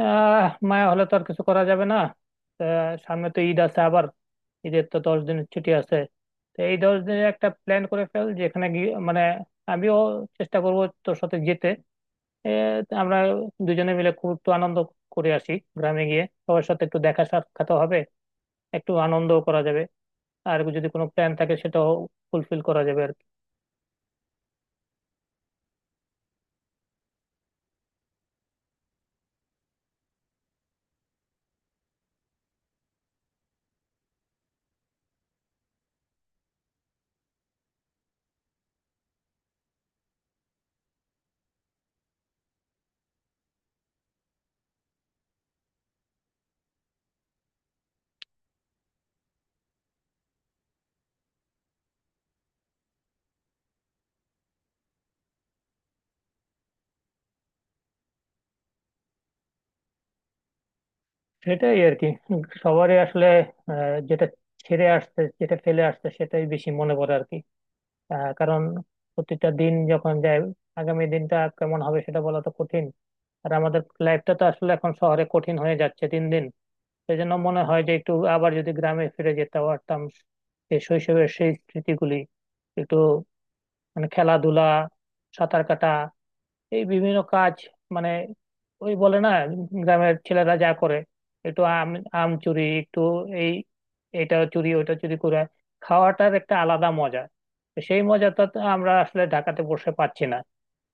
মায়া হলে তো আর কিছু করা যাবে না। সামনে তো ঈদ আছে আবার। ঈদের তো 10 দিনের ছুটি আছে। তো এই 10 দিনে একটা প্ল্যান করে ফেল যেখানে গিয়ে মানে আমিও চেষ্টা করব তোর সাথে যেতে। এ, আমরা দুজনে মিলে খুব একটু আনন্দ করে আসি। গ্রামে গিয়ে সবার সাথে একটু দেখা সাক্ষাৎ হবে, একটু আনন্দও করা যাবে, আর যদি কোনো প্ল্যান থাকে সেটাও ফুলফিল করা যাবে আর কি। সেটাই আর কি, সবারই আসলে যেটা ছেড়ে আসছে যেটা ফেলে আসছে সেটাই বেশি মনে পড়ে আর কি। কারণ প্রতিটা দিন যখন যায় আগামী দিনটা কেমন হবে সেটা বলা তো কঠিন। আর আমাদের লাইফটা তো আসলে এখন শহরে কঠিন হয়ে যাচ্ছে দিন দিন। সেই জন্য মনে হয় যে একটু আবার যদি গ্রামে ফিরে যেতে পারতাম সেই শৈশবের সেই স্মৃতিগুলি একটু, মানে খেলাধুলা, সাঁতার কাটা, এই বিভিন্ন কাজ, মানে ওই বলে না গ্রামের ছেলেরা যা করে, একটু আম, আম চুরি একটু, এই এটা চুরি ওইটা চুরি করে খাওয়াটার একটা আলাদা মজা। তো সেই মজাটা তো আমরা আসলে ঢাকাতে বসে পাচ্ছি না।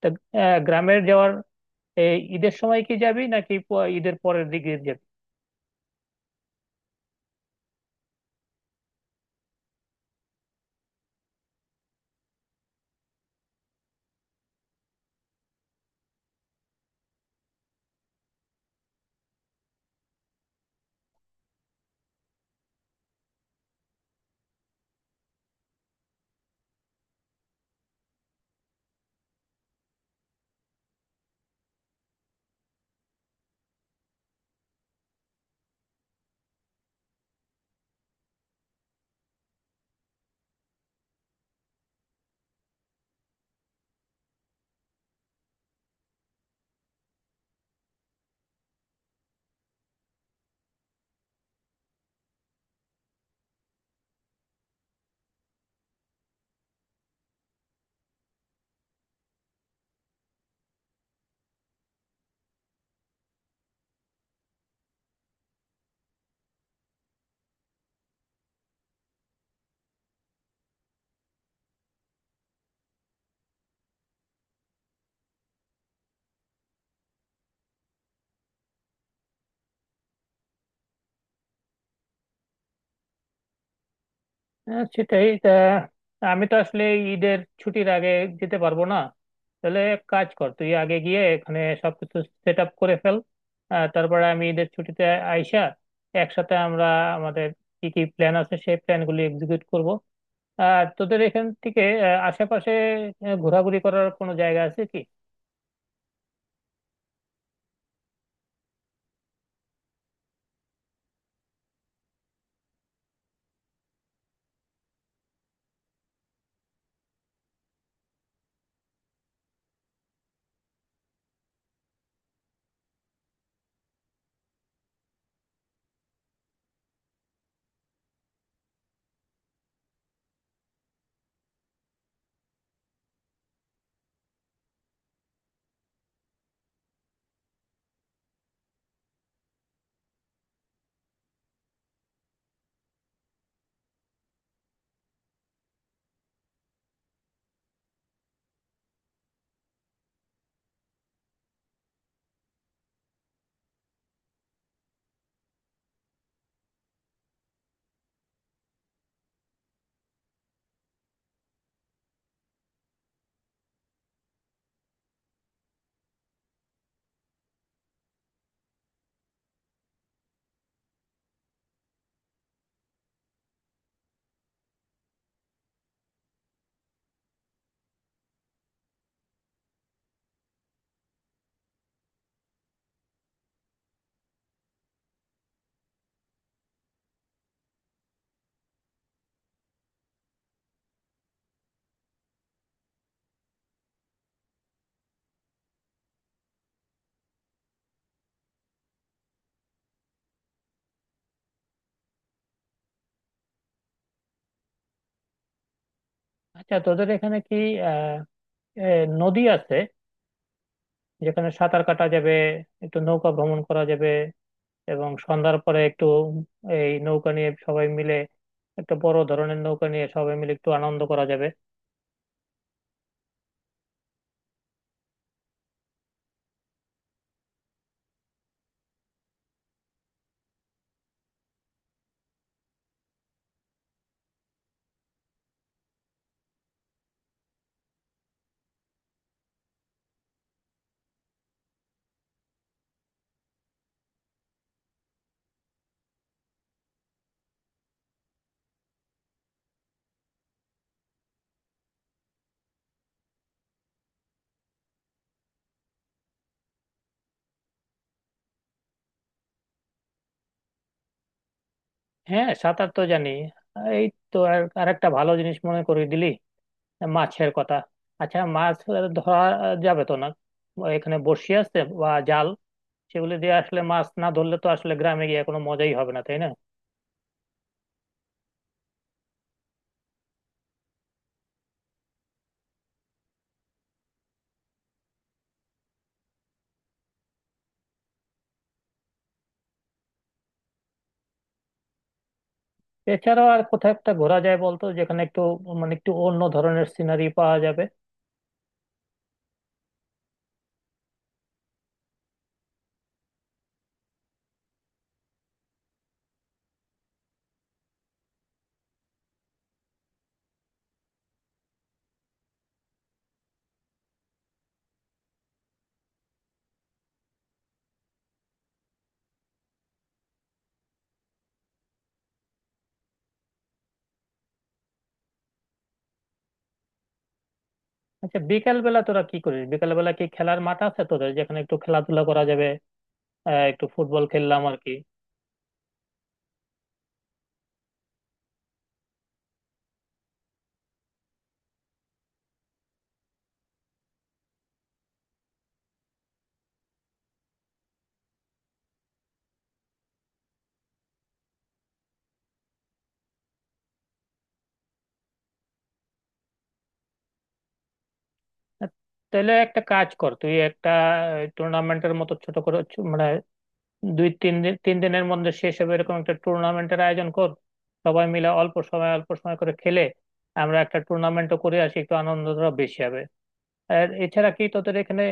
তো গ্রামের যাওয়ার এই ঈদের সময় কি যাবি নাকি ঈদের পরের দিকে যাবি? হ্যাঁ, সেটাই তা। আমি তো আসলে এই ঈদের ছুটির আগে যেতে পারবো না। তাহলে এক কাজ কর, তুই আগে গিয়ে এখানে সবকিছু সেট আপ করে ফেল। তারপরে আমি ঈদের ছুটিতে আইসা একসাথে আমরা আমাদের কি কি প্ল্যান আছে সেই প্ল্যানগুলি এক্সিকিউট করব। আর তোদের এখান থেকে আশেপাশে ঘোরাঘুরি করার কোনো জায়গা আছে কি? আচ্ছা, তোদের এখানে কি আহ এ, নদী আছে যেখানে সাঁতার কাটা যাবে, একটু নৌকা ভ্রমণ করা যাবে এবং সন্ধ্যার পরে একটু এই নৌকা নিয়ে সবাই মিলে, একটা বড় ধরনের নৌকা নিয়ে সবাই মিলে একটু আনন্দ করা যাবে? হ্যাঁ, সাঁতার তো জানি। এই তো আর আরেকটা ভালো জিনিস মনে করিয়ে দিলি, মাছের কথা। আচ্ছা, মাছ ধরা যাবে তো না? এখানে বড়শি আছে বা জাল সেগুলি দিয়ে আসলে মাছ না ধরলে তো আসলে গ্রামে গিয়ে কোনো মজাই হবে না, তাই না? এছাড়াও আর কোথাও একটা ঘোরা যায় বলতো, যেখানে একটু মানে একটু অন্য ধরনের সিনারি পাওয়া যাবে? আচ্ছা, বিকেল বেলা তোরা কি করিস? বিকেল বেলা কি খেলার মাঠ আছে তোদের যেখানে একটু খেলাধুলা করা যাবে, একটু ফুটবল খেললাম আর কি? আহ, তাহলে একটা কাজ কর, তুই একটা টুর্নামেন্টের মতো ছোট করে মানে 2 3 দিন, 3 দিনের মধ্যে শেষ হবে এরকম একটা টুর্নামেন্টের আয়োজন কর। সবাই মিলে অল্প সময় অল্প সময় করে খেলে আমরা একটা টুর্নামেন্টও করে আসি, একটু আনন্দটা বেশি হবে। আর এছাড়া কি তোদের এখানে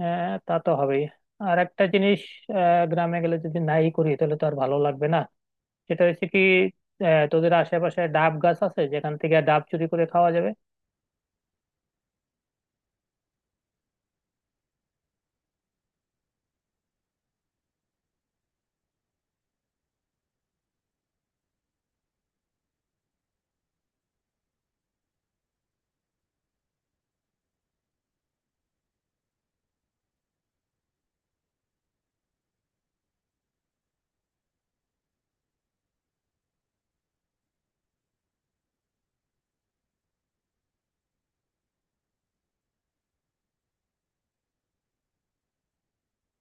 তা তো হবেই। আর একটা জিনিস, গ্রামে গেলে যদি নাই করি তাহলে তো আর ভালো লাগবে না। সেটা হচ্ছে কি, তোদের আশেপাশে ডাব গাছ আছে যেখান থেকে ডাব চুরি করে খাওয়া যাবে?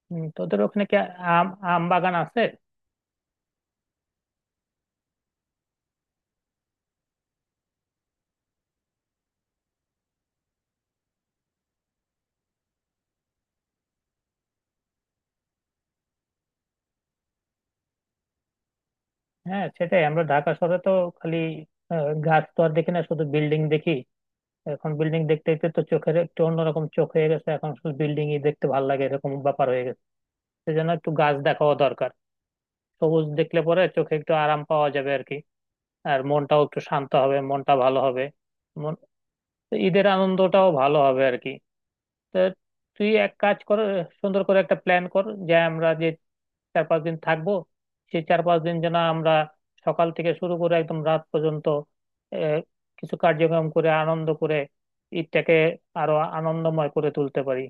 হুম, তোদের ওখানে কি আম, আম বাগান আছে? হ্যাঁ, সেটাই। আমরা ঢাকা শহরে তো খালি গাছ তো আর দেখি না, শুধু বিল্ডিং দেখি। এখন বিল্ডিং দেখতে দেখতে তো চোখের একটু অন্যরকম চোখ হয়ে গেছে, এখন শুধু বিল্ডিং ই দেখতে ভালো লাগে এরকম ব্যাপার হয়ে গেছে। সেজন্য একটু গাছ দেখাও দরকার। সবুজ দেখলে পরে চোখে একটু আরাম পাওয়া যাবে আর কি। আর মনটাও একটু শান্ত হবে, মনটা ভালো হবে, মন- ঈদের আনন্দটাও ভালো হবে আর কি। তো তুই এক কাজ কর, সুন্দর করে একটা প্ল্যান কর যে আমরা যে 4 5 দিন থাকবো সেই 4 5 দিন যেন আমরা সকাল থেকে শুরু করে একদম রাত পর্যন্ত আহ, কিছু কার্যক্রম করে আনন্দ করে ঈদটাকে আরো আনন্দময় করে তুলতে পারি।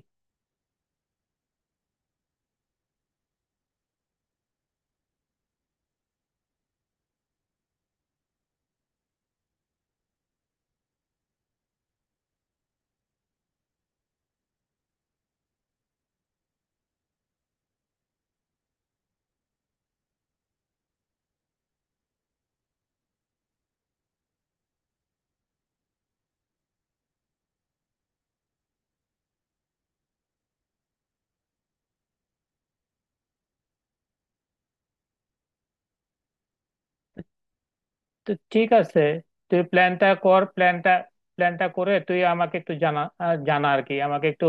তো ঠিক আছে, তুই প্ল্যানটা কর, প্ল্যানটা প্ল্যানটা করে তুই আমাকে একটু জানা, আহ, জানা আর কি আমাকে একটু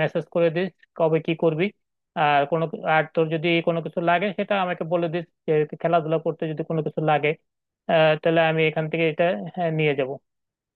মেসেজ করে দিস কবে কি করবি। আর কোনো, আর তোর যদি কোনো কিছু লাগে সেটা আমাকে বলে দিস যে খেলাধুলা করতে যদি কোনো কিছু লাগে, আহ তাহলে আমি এখান থেকে এটা হ্যাঁ, নিয়ে যাব।